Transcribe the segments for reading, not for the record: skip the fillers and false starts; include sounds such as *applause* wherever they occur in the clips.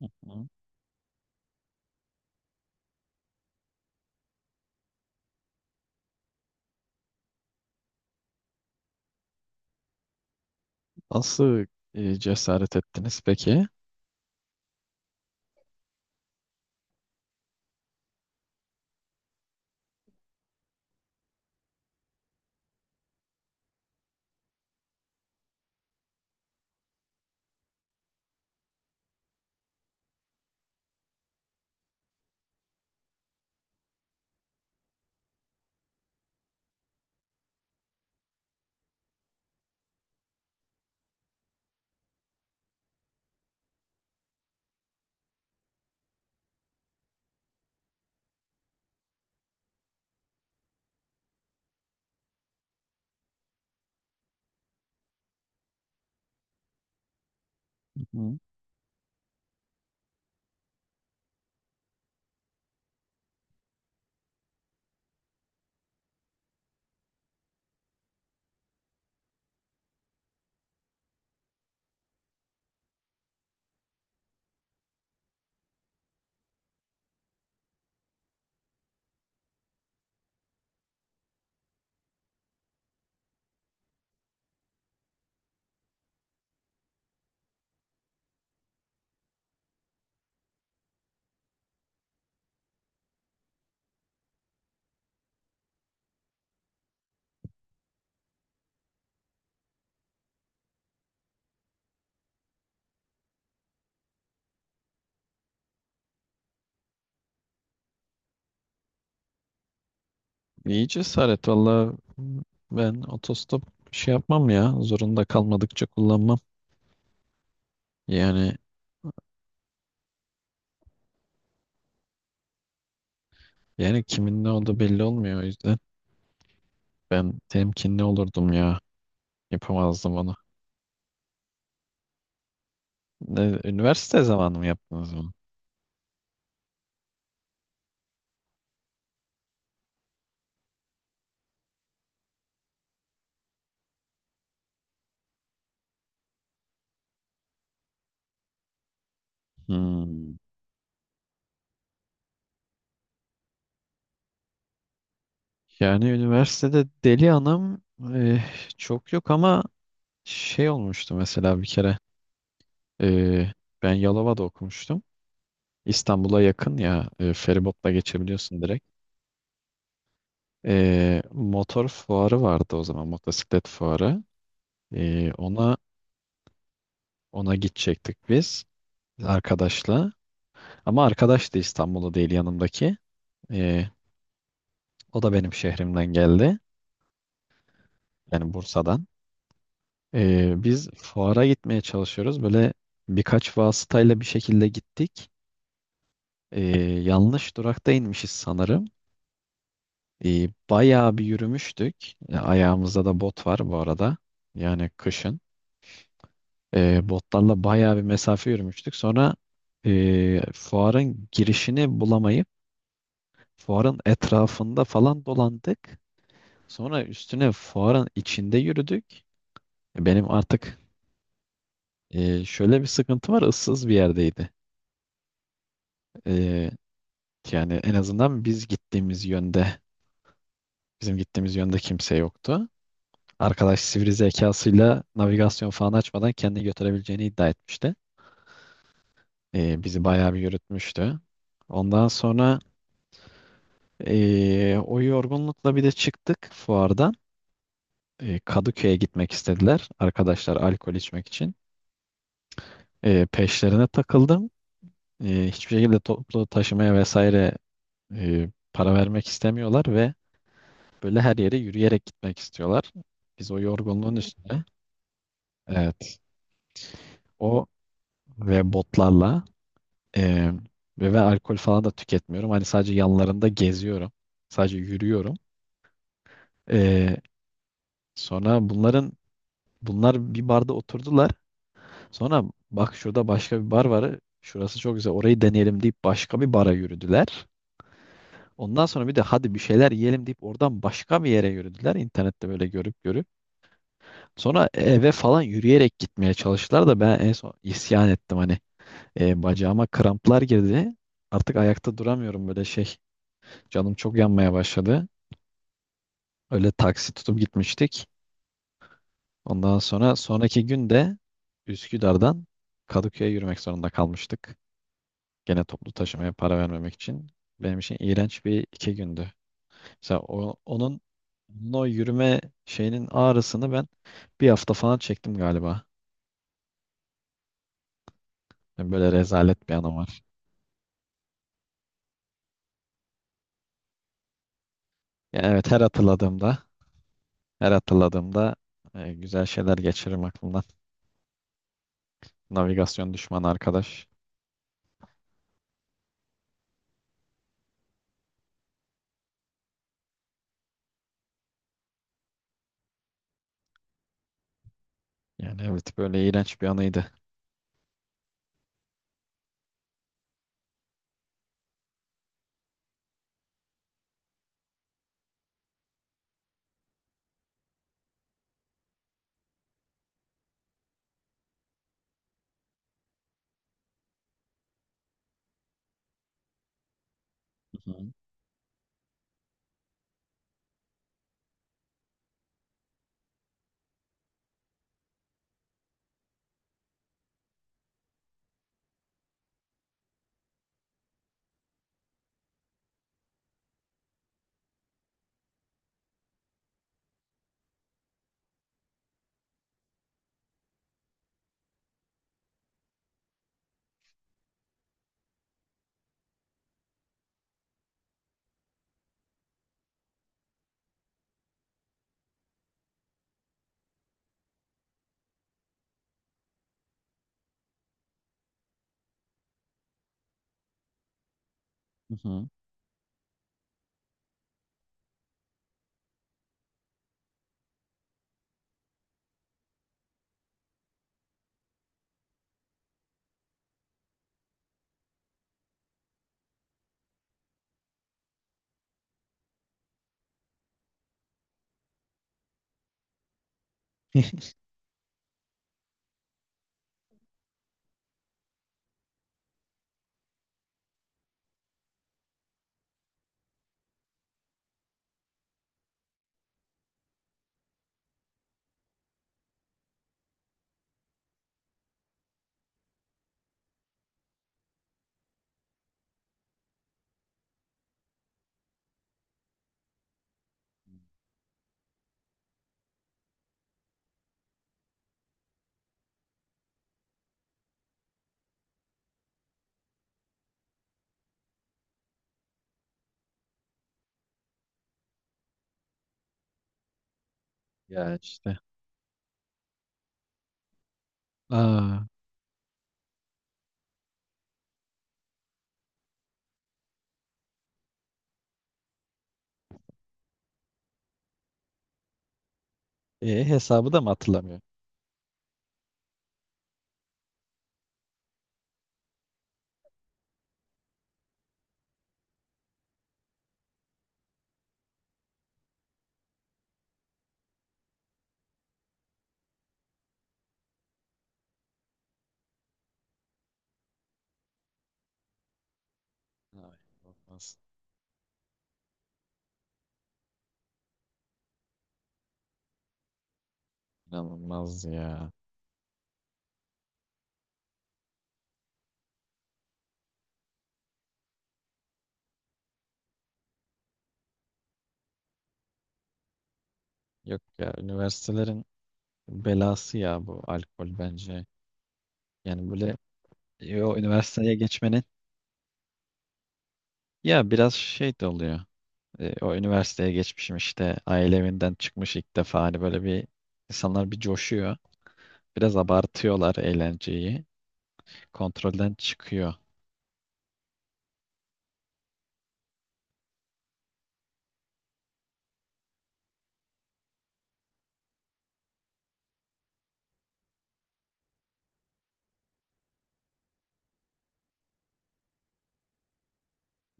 Hı. Nasıl cesaret ettiniz peki? Hı. İyi cesaret valla, ben otostop şey yapmam ya, zorunda kalmadıkça kullanmam. Yani yani kimin ne olduğu belli olmuyor, o yüzden ben temkinli olurdum ya, yapamazdım onu. Ne, üniversite zamanı mı yaptınız bunu? Hmm. Yani üniversitede deli anım eh, çok yok ama şey olmuştu mesela bir kere, eh, ben Yalova'da okumuştum. İstanbul'a yakın ya, feribotla geçebiliyorsun direkt. E, motor fuarı vardı o zaman, motosiklet fuarı. E, ona ona gidecektik biz, arkadaşla. Ama arkadaş da İstanbul'da değil, yanımdaki. E, o da benim şehrimden geldi. Yani Bursa'dan. E, biz fuara gitmeye çalışıyoruz. Böyle birkaç vasıtayla bir şekilde gittik. E, yanlış durakta inmişiz sanırım. E, bayağı bir yürümüştük. E, ayağımızda da bot var bu arada. Yani kışın. E, botlarla bayağı bir mesafe yürümüştük. Sonra fuarın girişini bulamayıp fuarın etrafında falan dolandık. Sonra üstüne fuarın içinde yürüdük. Benim artık şöyle bir sıkıntı var. Issız bir yerdeydi. E, Yani en azından biz gittiğimiz yönde, bizim gittiğimiz yönde kimse yoktu. Arkadaş sivri zekasıyla navigasyon falan açmadan kendini götürebileceğini iddia etmişti. Bizi bayağı bir yürütmüştü. Ondan sonra o yorgunlukla bir de çıktık fuardan. Kadıköy'e gitmek istediler arkadaşlar, alkol içmek için. Peşlerine takıldım. Hiçbir şekilde toplu taşımaya vesaire para vermek istemiyorlar ve böyle her yere yürüyerek gitmek istiyorlar. Biz o yorgunluğun üstüne, evet, o ve botlarla. Ee, Ve ben alkol falan da tüketmiyorum. Hani sadece yanlarında geziyorum. Sadece yürüyorum. Ee, sonra bunlar bir barda oturdular. Sonra bak, şurada başka bir bar var. Şurası çok güzel. Orayı deneyelim deyip başka bir bara yürüdüler. Ondan sonra bir de hadi bir şeyler yiyelim deyip oradan başka bir yere yürüdüler. İnternette böyle görüp görüp. Sonra eve falan yürüyerek gitmeye çalıştılar da ben en son isyan ettim hani. Bacağıma kramplar girdi. Artık ayakta duramıyorum böyle şey. Canım çok yanmaya başladı. Öyle taksi tutup gitmiştik. Ondan sonra sonraki gün de Üsküdar'dan Kadıköy'e yürümek zorunda kalmıştık. Gene toplu taşımaya para vermemek için. Benim için iğrenç bir iki gündü. Mesela onun, onun o yürüme şeyinin ağrısını ben bir hafta falan çektim galiba. Yani böyle rezalet bir anım var. Ya evet, her hatırladığımda güzel şeyler geçiririm aklımdan. Navigasyon düşmanı arkadaş. Yani evet, böyle iğrenç bir anıydı. Hı hı. Hı hı. *laughs* Ya işte. Aa, hesabı da mı hatırlamıyor? Ay, olmaz. İnanılmaz ya. Yok ya, üniversitelerin belası ya bu alkol bence. Yani böyle e, o üniversiteye geçmenin ya biraz şey de oluyor. E, o üniversiteye geçmişim işte, aile evinden çıkmış ilk defa, hani böyle bir, insanlar bir coşuyor. Biraz abartıyorlar eğlenceyi. Kontrolden çıkıyor.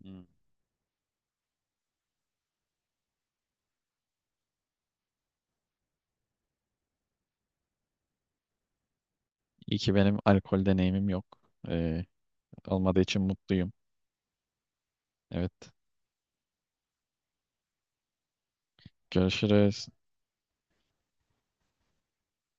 Hmm. İyi ki benim alkol deneyimim yok. Ee, Olmadığı için mutluyum. Evet. Görüşürüz.